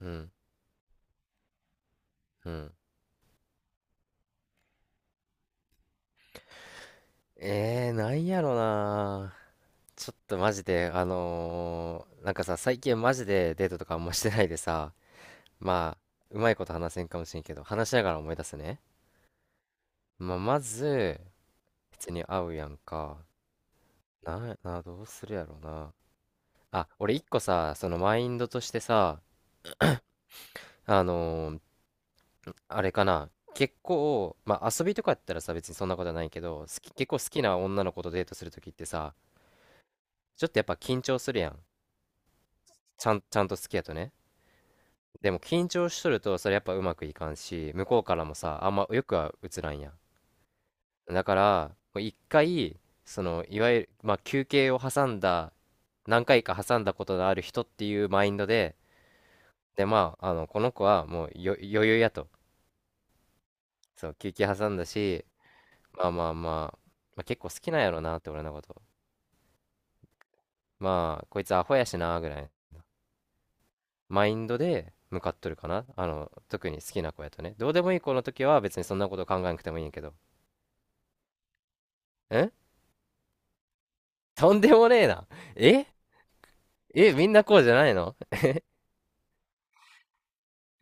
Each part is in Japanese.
うん。うん。なんやろな。ちょっとマジで、なんかさ、最近マジでデートとかあんましてないでさ、まあ、うまいこと話せんかもしれんけど、話しながら思い出すね。まあ、まず、普通に会うやんか。どうするやろうな。あ、俺一個さ、そのマインドとしてさ、あのーあれかな。結構、まあ遊びとかやったらさ、別にそんなことはないけど、結構好きな女の子とデートするときってさ、ちょっとやっぱ緊張するやん。ちゃんと好きやとね。でも緊張しとるとそれやっぱうまくいかんし、向こうからもさ、あんまよくは映らんやん。だから、もう一回、その、いわゆる、まあ休憩を挟んだ、何回か挟んだことのある人っていうマインドで、で、まあ、あの、この子はもう余裕やと。そう、休憩挟んだし、まあまあまあ、まあ、結構好きなんやろなって俺のこと。まあ、こいつアホやしな、ぐらい。マインドで向かっとるかな。あの、特に好きな子やとね。どうでもいい子の時は別にそんなこと考えなくてもいいんやけど。ん。とんでもねえな。え。え、みんなこうじゃないの？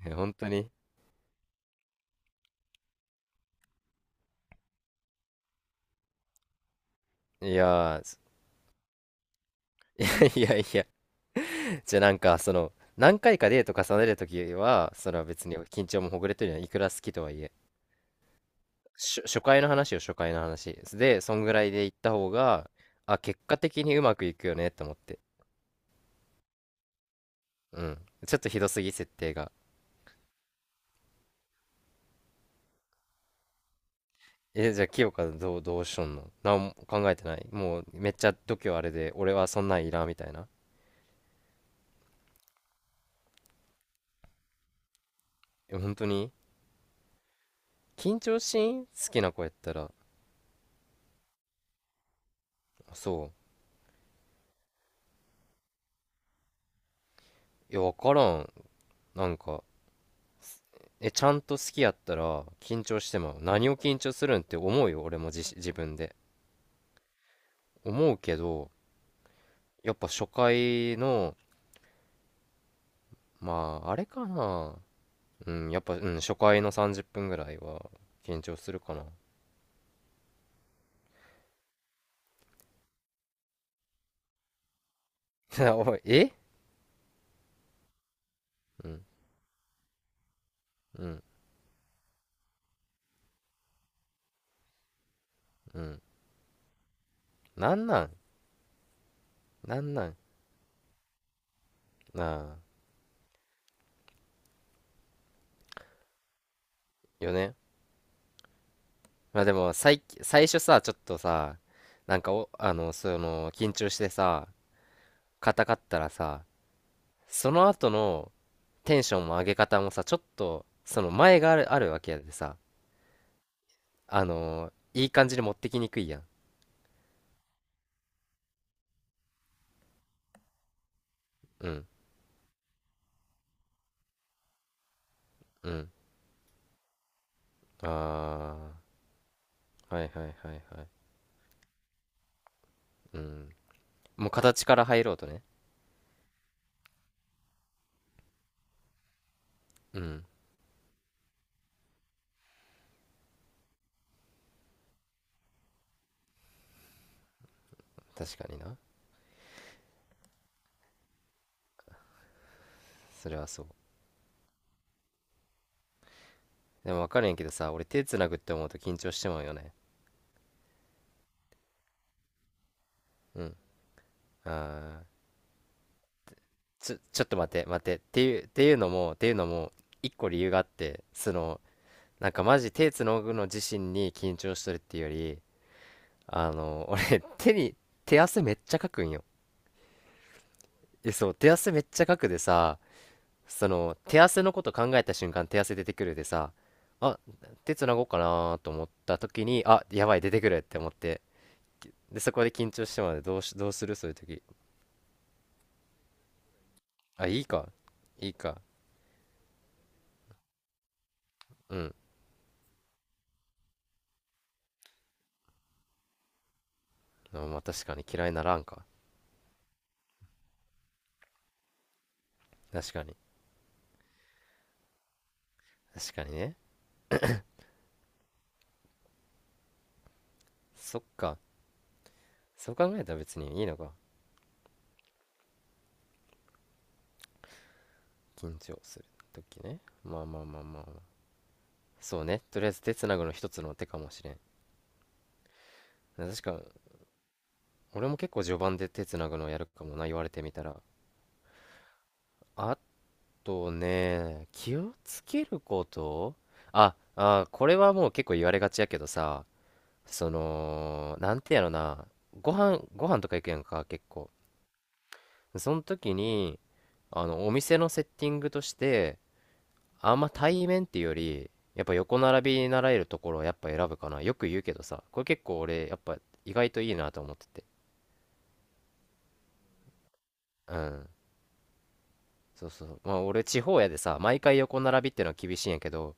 え、本当に。いやー、いやいや。じゃあなんか、その、何回かデート重ねるときは、それは別に緊張もほぐれてるのはいくら好きとはいえ。し、初回の話よ、初回の話。で、そんぐらいで行った方が、あ、結果的にうまくいくよねと思って。うん。ちょっとひどすぎ、設定が。え、じゃあ、清香どうしとんの？何も考えてない、もう、めっちゃ度胸あれで、俺はそんなんいらんみたいな。え、本当に？緊張しん、好きな子やったら。そう。いや、わからん。なんか、え、ちゃんと好きやったら、緊張しても、何を緊張するんって思うよ、俺も自分で。思うけど、やっぱ初回の、まあ、あれかな。うん、やっぱ、うん、初回の30分ぐらいは、緊張するかな。おい、うん、うん、うん。なんなん、なんなん、なあ、よね。まあでも、最初さ、ちょっとさ、なんかお、緊張してさ、硬かったらさ、その後のテンションも上げ方もさ、ちょっと、その前があるわけやでさ、いい感じに持ってきにくいやん。うん、うん。ああー、はいはいはいはい。うん。もう形から入ろうとね。うん、確かにな。それはそう。でもわかるんやけどさ、俺手繋ぐって思うと緊張してまうよね。うん。ああー、ちょっと待って、待って。っていうのも、一個理由があって、その、なんかマジ手つのぐの自身に緊張してるっていうより、俺手汗めっちゃかくんよ。え、そう、手汗めっちゃかくでさ、その手汗のこと考えた瞬間手汗出てくるでさ、あ、手つなごうかなと思った時に、あ、やばい出てくるって思って、でそこで緊張してまでどうするそういう時。あ、いいか、いいか。うん。あ、まあ確かに嫌いならんか。確かに。確かにね。そっか。そう考えたら別にいいのか。緊張する時ね。まあまあまあまあ、まあ、そうね、とりあえず手つなぐの一つの手かもしれん。確か、俺も結構序盤で手つなぐのやるかもな、言われてみたら。あとね、気をつけること。これはもう結構言われがちやけどさ、そのなんてやろな、ご飯とか行くやんか結構、その時に、あのお店のセッティングとして、あんま対面っていうより、やっぱ横並びになられるところをやっぱ選ぶかな。よく言うけどさ、これ結構俺、やっぱ意外といいなと思ってて。うん。そうそう。まあ俺、地方やでさ、毎回横並びってのは厳しいんやけど、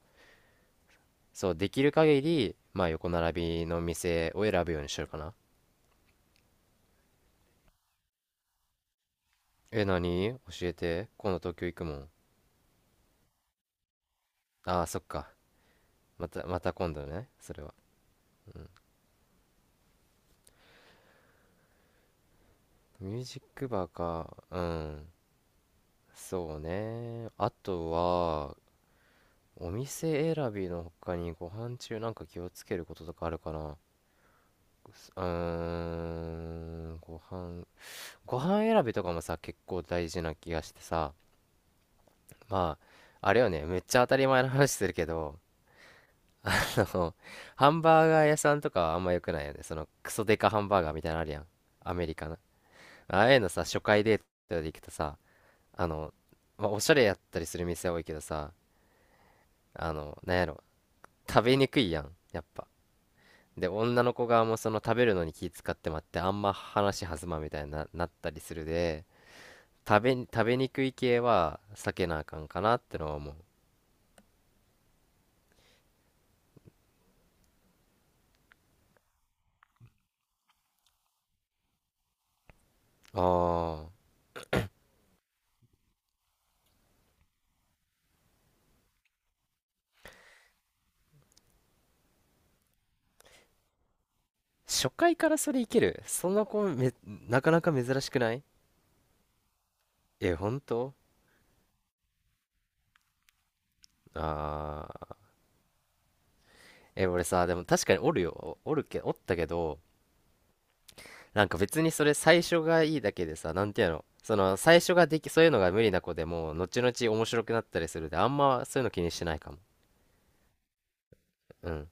そう、できる限り、まあ横並びの店を選ぶようにしてるかな。え、何？教えて。今度東京行くもん。ああ、そっか。また、また今度ね。それは。うん。ミュージックバーか。うん。そうね。あとは、お店選びの他にご飯中なんか気をつけることとかあるかな。うーん、ご飯、ご飯選びとかもさ、結構大事な気がしてさ、まあ、あれよね、めっちゃ当たり前の話するけど、あの、ハンバーガー屋さんとかはあんま良くないよね。そのクソデカハンバーガーみたいなのあるやん。アメリカの。ああいうのさ、初回デートで行くとさ、あの、まあ、おしゃれやったりする店多いけどさ、あの、なんやろ、食べにくいやん、やっぱ。で女の子側もその食べるのに気使ってまってあんま話弾まんみたいになったりするで、食べにくい系は避けなあかんかなってのは思う。ああ、初回からそれいけるその子め、なかなか珍しくない？え、本当？ああー。え、俺さ、でも確かにおるよ、おったけど、なんか別にそれ最初がいいだけでさ、なんていうの、その最初ができ、そういうのが無理な子でも後々面白くなったりするで、あんまそういうの気にしてないかも。うん。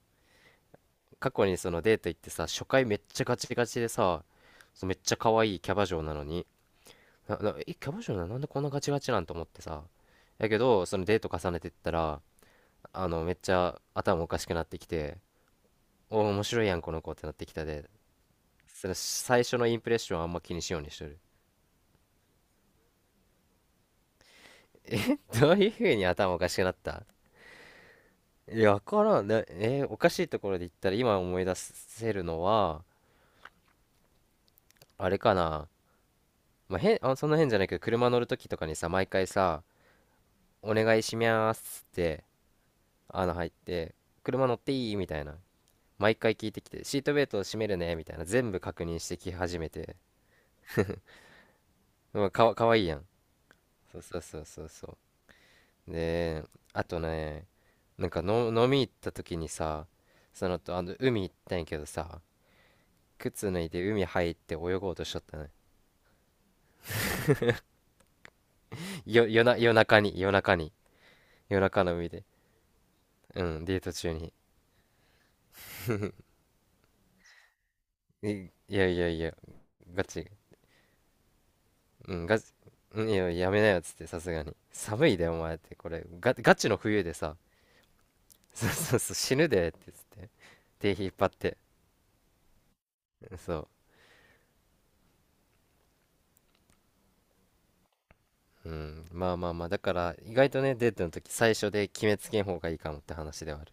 過去にそのデート行ってさ、初回めっちゃガチガチでさ、そうめっちゃ可愛いキャバ嬢なのに、え、キャバ嬢なのなんでこんなガチガチなんと思ってさ。やけど、そのデート重ねてったら、あの、めっちゃ頭おかしくなってきて、おー、面白いやん、この子ってなってきたで、その最初のインプレッションはあんま気にしようにしとる。え、どういう風に頭おかしくなった？いや、わからん。えーおかしいところで言ったら今思い出せるのは、あれかな。まあ、そんな変じゃないけど、車乗るときとかにさ、毎回さ、お願いしますって穴入って車乗っていいみたいな毎回聞いてきて、シートベルトを締めるねみたいな全部確認してき始めて。うん。かわいいやん。そうそうそうそうそう。で、あとね、なんかの飲み行った時にさ、そのとあの海行ったんやけどさ、靴脱いで海入って泳ごうとしちゃったね。夜な夜中に、夜中に、夜中の海で。うん、デート中に。いいやいやいや。ガチ。うん、ガチ。うん、いや、やめなよっつって、さすがに。寒いで、お前って、これ、ガチの冬でさ、そうそうそう、死ぬでってつって、手引っ張って、そう、うん、まあまあまあ、だから、意外とね、デートの時、最初で決めつけん方がいいかもって話ではある。